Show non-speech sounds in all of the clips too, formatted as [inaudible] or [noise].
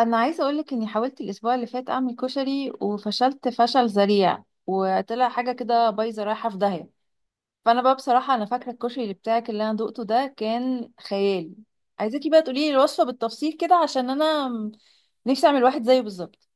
انا عايزه اقولك اني حاولت الاسبوع اللي فات اعمل كشري وفشلت فشل ذريع وطلع حاجه كده بايظه رايحه في داهيه. فانا بقى بصراحه انا فاكره الكشري اللي بتاعك اللي انا دقته ده كان خيالي. عايزاكي بقى تقولي لي الوصفه بالتفصيل كده عشان انا نفسي اعمل واحد زيه بالظبط.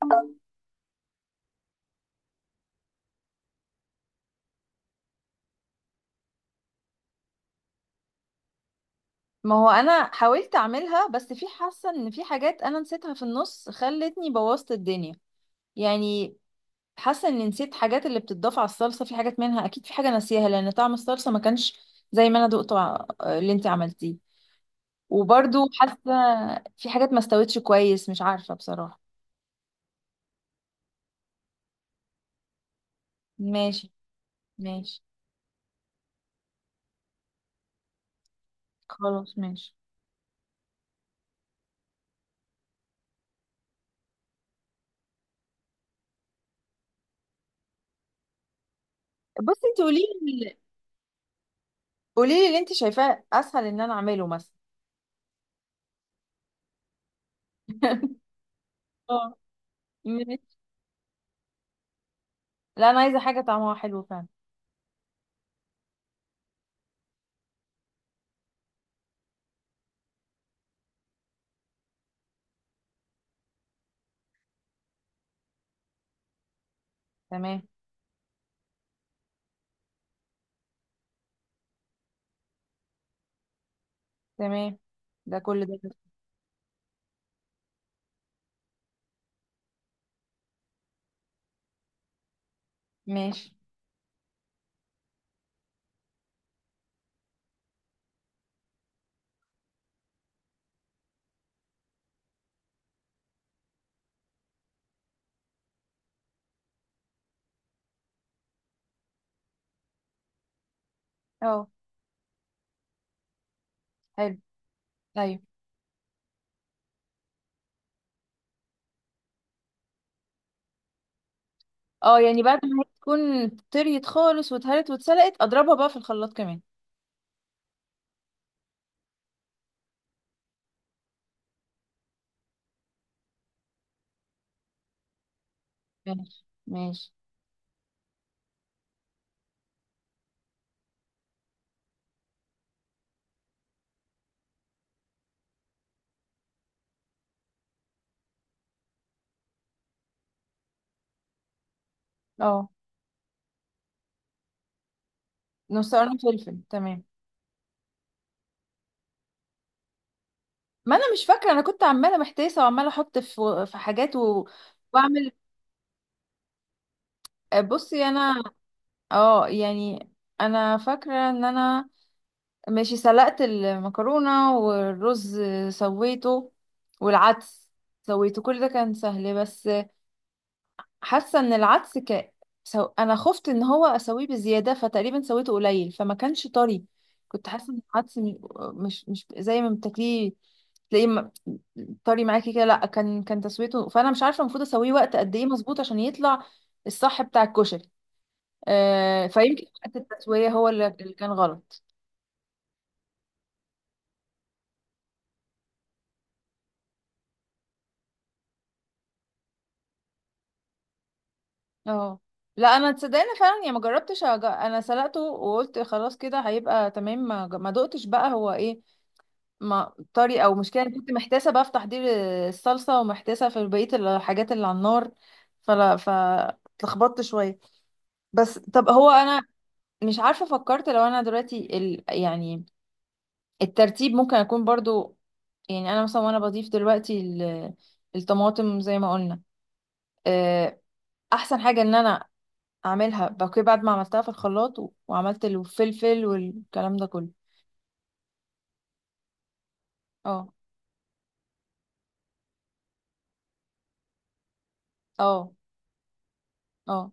ما هو انا حاولت اعملها بس في حاسه ان في حاجات انا نسيتها في النص خلتني بوظت الدنيا يعني. حاسه اني نسيت حاجات اللي بتضاف على الصلصه، في حاجات منها اكيد، في حاجه ناسيها لان طعم الصلصه ما كانش زي ما انا دقته اللي انت عملتيه. وبرضو حاسه في حاجات ما استوتش كويس، مش عارفه بصراحه. ماشي. ماشي خلاص. ماشي بصي انت قولي لي. قولي لي اللي انت شايفاه اسهل ان انا اعمله مثلا. [laughs] اه. ماشي. لا انا عايزه حاجه طعمها حلو فعلا. تمام. تمام ده كل ده. ماشي. اه حلو. ايوه. اه يعني بعد ما هي تكون طريت خالص واتهرت واتسلقت اضربها بقى في الخلاط كمان. ماشي. ماشي. اه نص قرن فلفل تمام. ما انا مش فاكره، انا كنت عماله محتاسه وعماله احط في حاجات و... واعمل. بصي انا. اه يعني. انا فاكره ان انا ماشي سلقت المكرونه والرز. سويته والعدس. سويته كل ده كان سهل بس. حاسه ان العدس انا خفت ان هو اسويه بزياده فتقريبا سويته قليل فما كانش طري. كنت حاسه ان العدس مش زي ما بتاكليه. تلاقيه طري معاكي كده، لا كان تسويته. فانا مش عارفه المفروض اسويه وقت قد ايه مظبوط عشان يطلع الصح بتاع الكشري. آه فيمكن وقت التسويه هو اللي كان غلط. اه لا انا تصدقني فعلا يعني ما جربتش انا سلقته وقلت خلاص كده هيبقى تمام ما دقتش بقى هو ايه ما طري او مشكله. أنا كنت محتاسه بقى في تحضير الصلصه ومحتاسه في بقيه الحاجات اللي على النار، فلا فاتلخبطت شويه. بس طب هو انا مش عارفه، فكرت لو انا دلوقتي يعني الترتيب ممكن اكون برضو، يعني انا مثلا وانا بضيف دلوقتي الطماطم زي ما قلنا. آه، احسن حاجه ان انا اعملها بقى بعد ما عملتها في الخلاط وعملت الفلفل والكلام ده كله. اه اه اه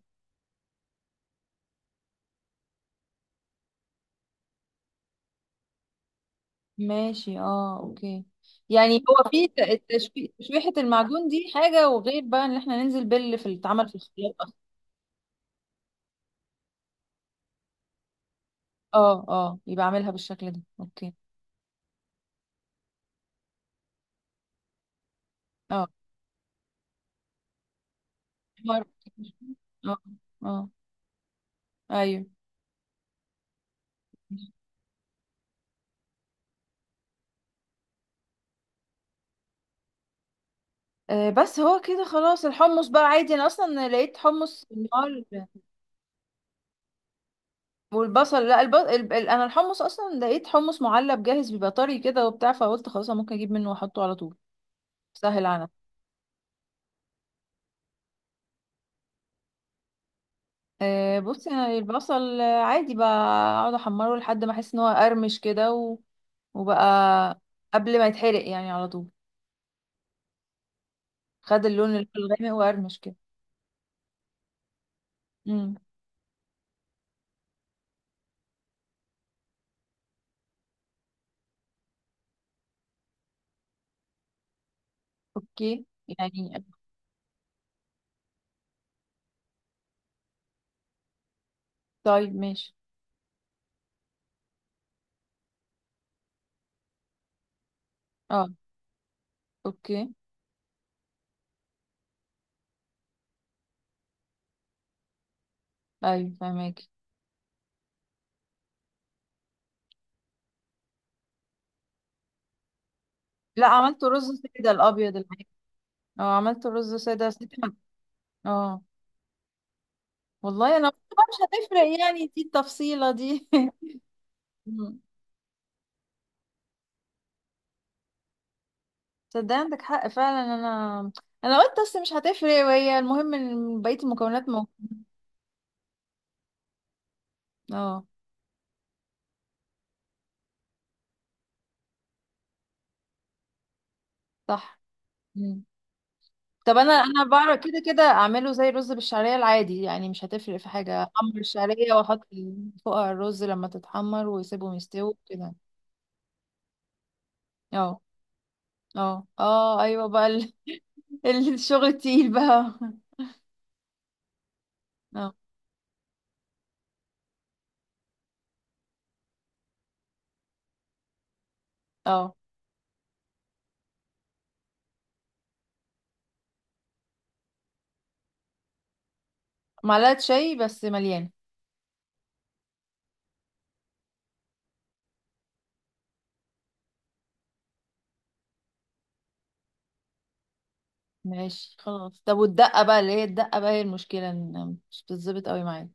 ماشي اه اوكي. يعني هو في التشويح، تشويحة المعجون دي حاجة، وغير بقى ان احنا ننزل في التعمل في الخلاط اصلا. اه اه يبقى اعملها بالشكل ده اوكي. اه [laughs] مر- اه اه ايوه. آه بس هو كده خلاص، الحمص بقى عادي، انا اصلا لقيت حمص النهار. والبصل، لا انا الحمص اصلا لقيت حمص معلب جاهز بيبقى طري كده وبتاع، فقلت خلاص أنا ممكن اجيب منه واحطه على طول سهل على. آه، بصي انا البصل، آه، عادي بقى. اقعد احمره لحد ما احس ان هو قرمش كده وبقى قبل ما يتحرق يعني، على طول خد اللون اللي هو الغامق وقرمش كده. امم. اوكي يعني. طيب ماشي. اه اوكي. ايوه فهماكي. لا عملت رز ساده الابيض العادي. اه عملت رز ساده ساده. اه والله انا قلت بقى مش هتفرق، يعني دي التفصيله دي؟ [laughs] مم. تصدقي عندك حق فعلا، انا قلت بس مش هتفرق، وهي المهم ان بقيه المكونات موجوده. اه صح. مم. طب انا بعرف كده كده اعمله زي الرز بالشعريه العادي، يعني مش هتفرق في حاجه، احمر الشعريه واحط فوقها الرز لما تتحمر واسيبهم يستووا كده. اه اه اه ايوه بقى [laughs] الشغل التقيل بقى. اه اه معلقه شاي بس مليانه. ماشي خلاص. طب والدقه بقى، اللي هي الدقه بقى هي المشكله، إن مش بتظبط قوي معايا.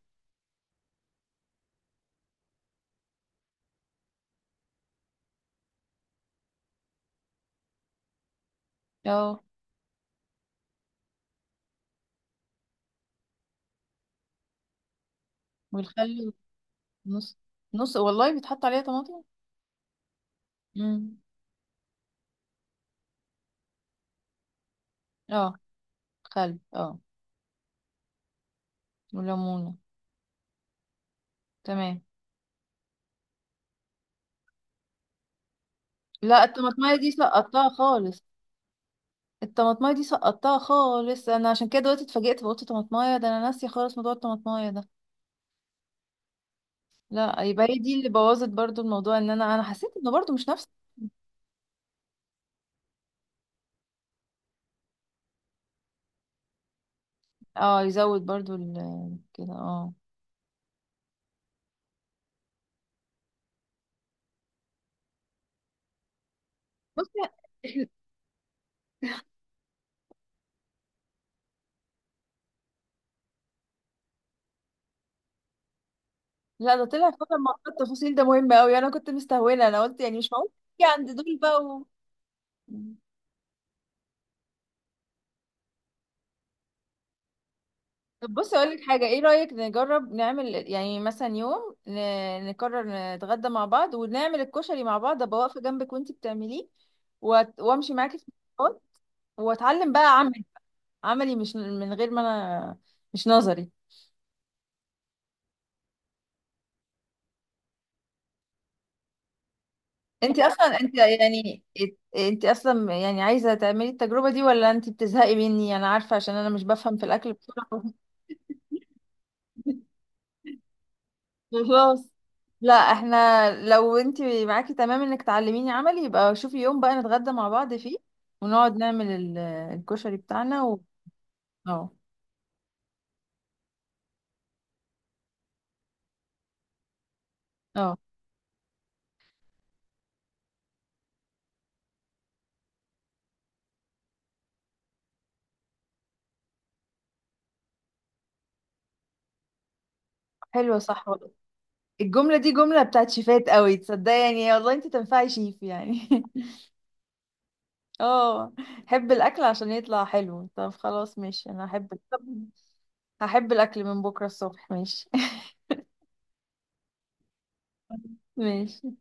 اه والخل. نص؟ نص والله بيتحط عليها طماطم؟ امم. اه خل اه. وليمون. تمام. لا الطماطمايه دي سقطتها خالص. الطماطمايه دي سقطتها خالص انا، عشان كده دلوقتي اتفاجئت فقلت طماطمايه، ده انا ناسيه خالص موضوع الطماطمايه ده. لا يبقى هي دي اللي بوظت برضو الموضوع، ان انا حسيت انه برضو مش نفس. اه يزود برضو كده اه. بصي إحنا- لا ده طلع فعلا موضوع التفاصيل ده مهم قوي، انا كنت مستهونه، انا قلت يعني مش معقول تيجي عند دول بقى و... طب بص اقول لك حاجه، ايه رايك نجرب نعمل يعني مثلا يوم نقرر نتغدى مع بعض ونعمل الكشري مع بعض، ابقى واقفه جنبك وانتي بتعمليه وامشي معاكي في الخطوات، واتعلم بقى عملي، عملي مش من غير ما انا، مش نظري. انت اصلا انت يعني انت اصلا يعني عايزه تعملي التجربه دي ولا انت بتزهقي مني؟ انا عارفه عشان انا مش بفهم في الاكل بسرعه. خلاص. لا احنا لو انت معاكي تمام انك تعلميني عملي، يبقى شوفي يوم بقى نتغدى مع بعض فيه ونقعد نعمل الكشري بتاعنا و... اه اه. حلوة صح والله. الجملة دي جملة بتاعت شيفات قوي، تصدقي يعني والله انت تنفعي شيف يعني. [laughs] اه. حب الاكل عشان يطلع حلو. طب خلاص ماشي، انا احب. طب هحب الاكل من بكرة الصبح ماشي. [laughs] ماشي.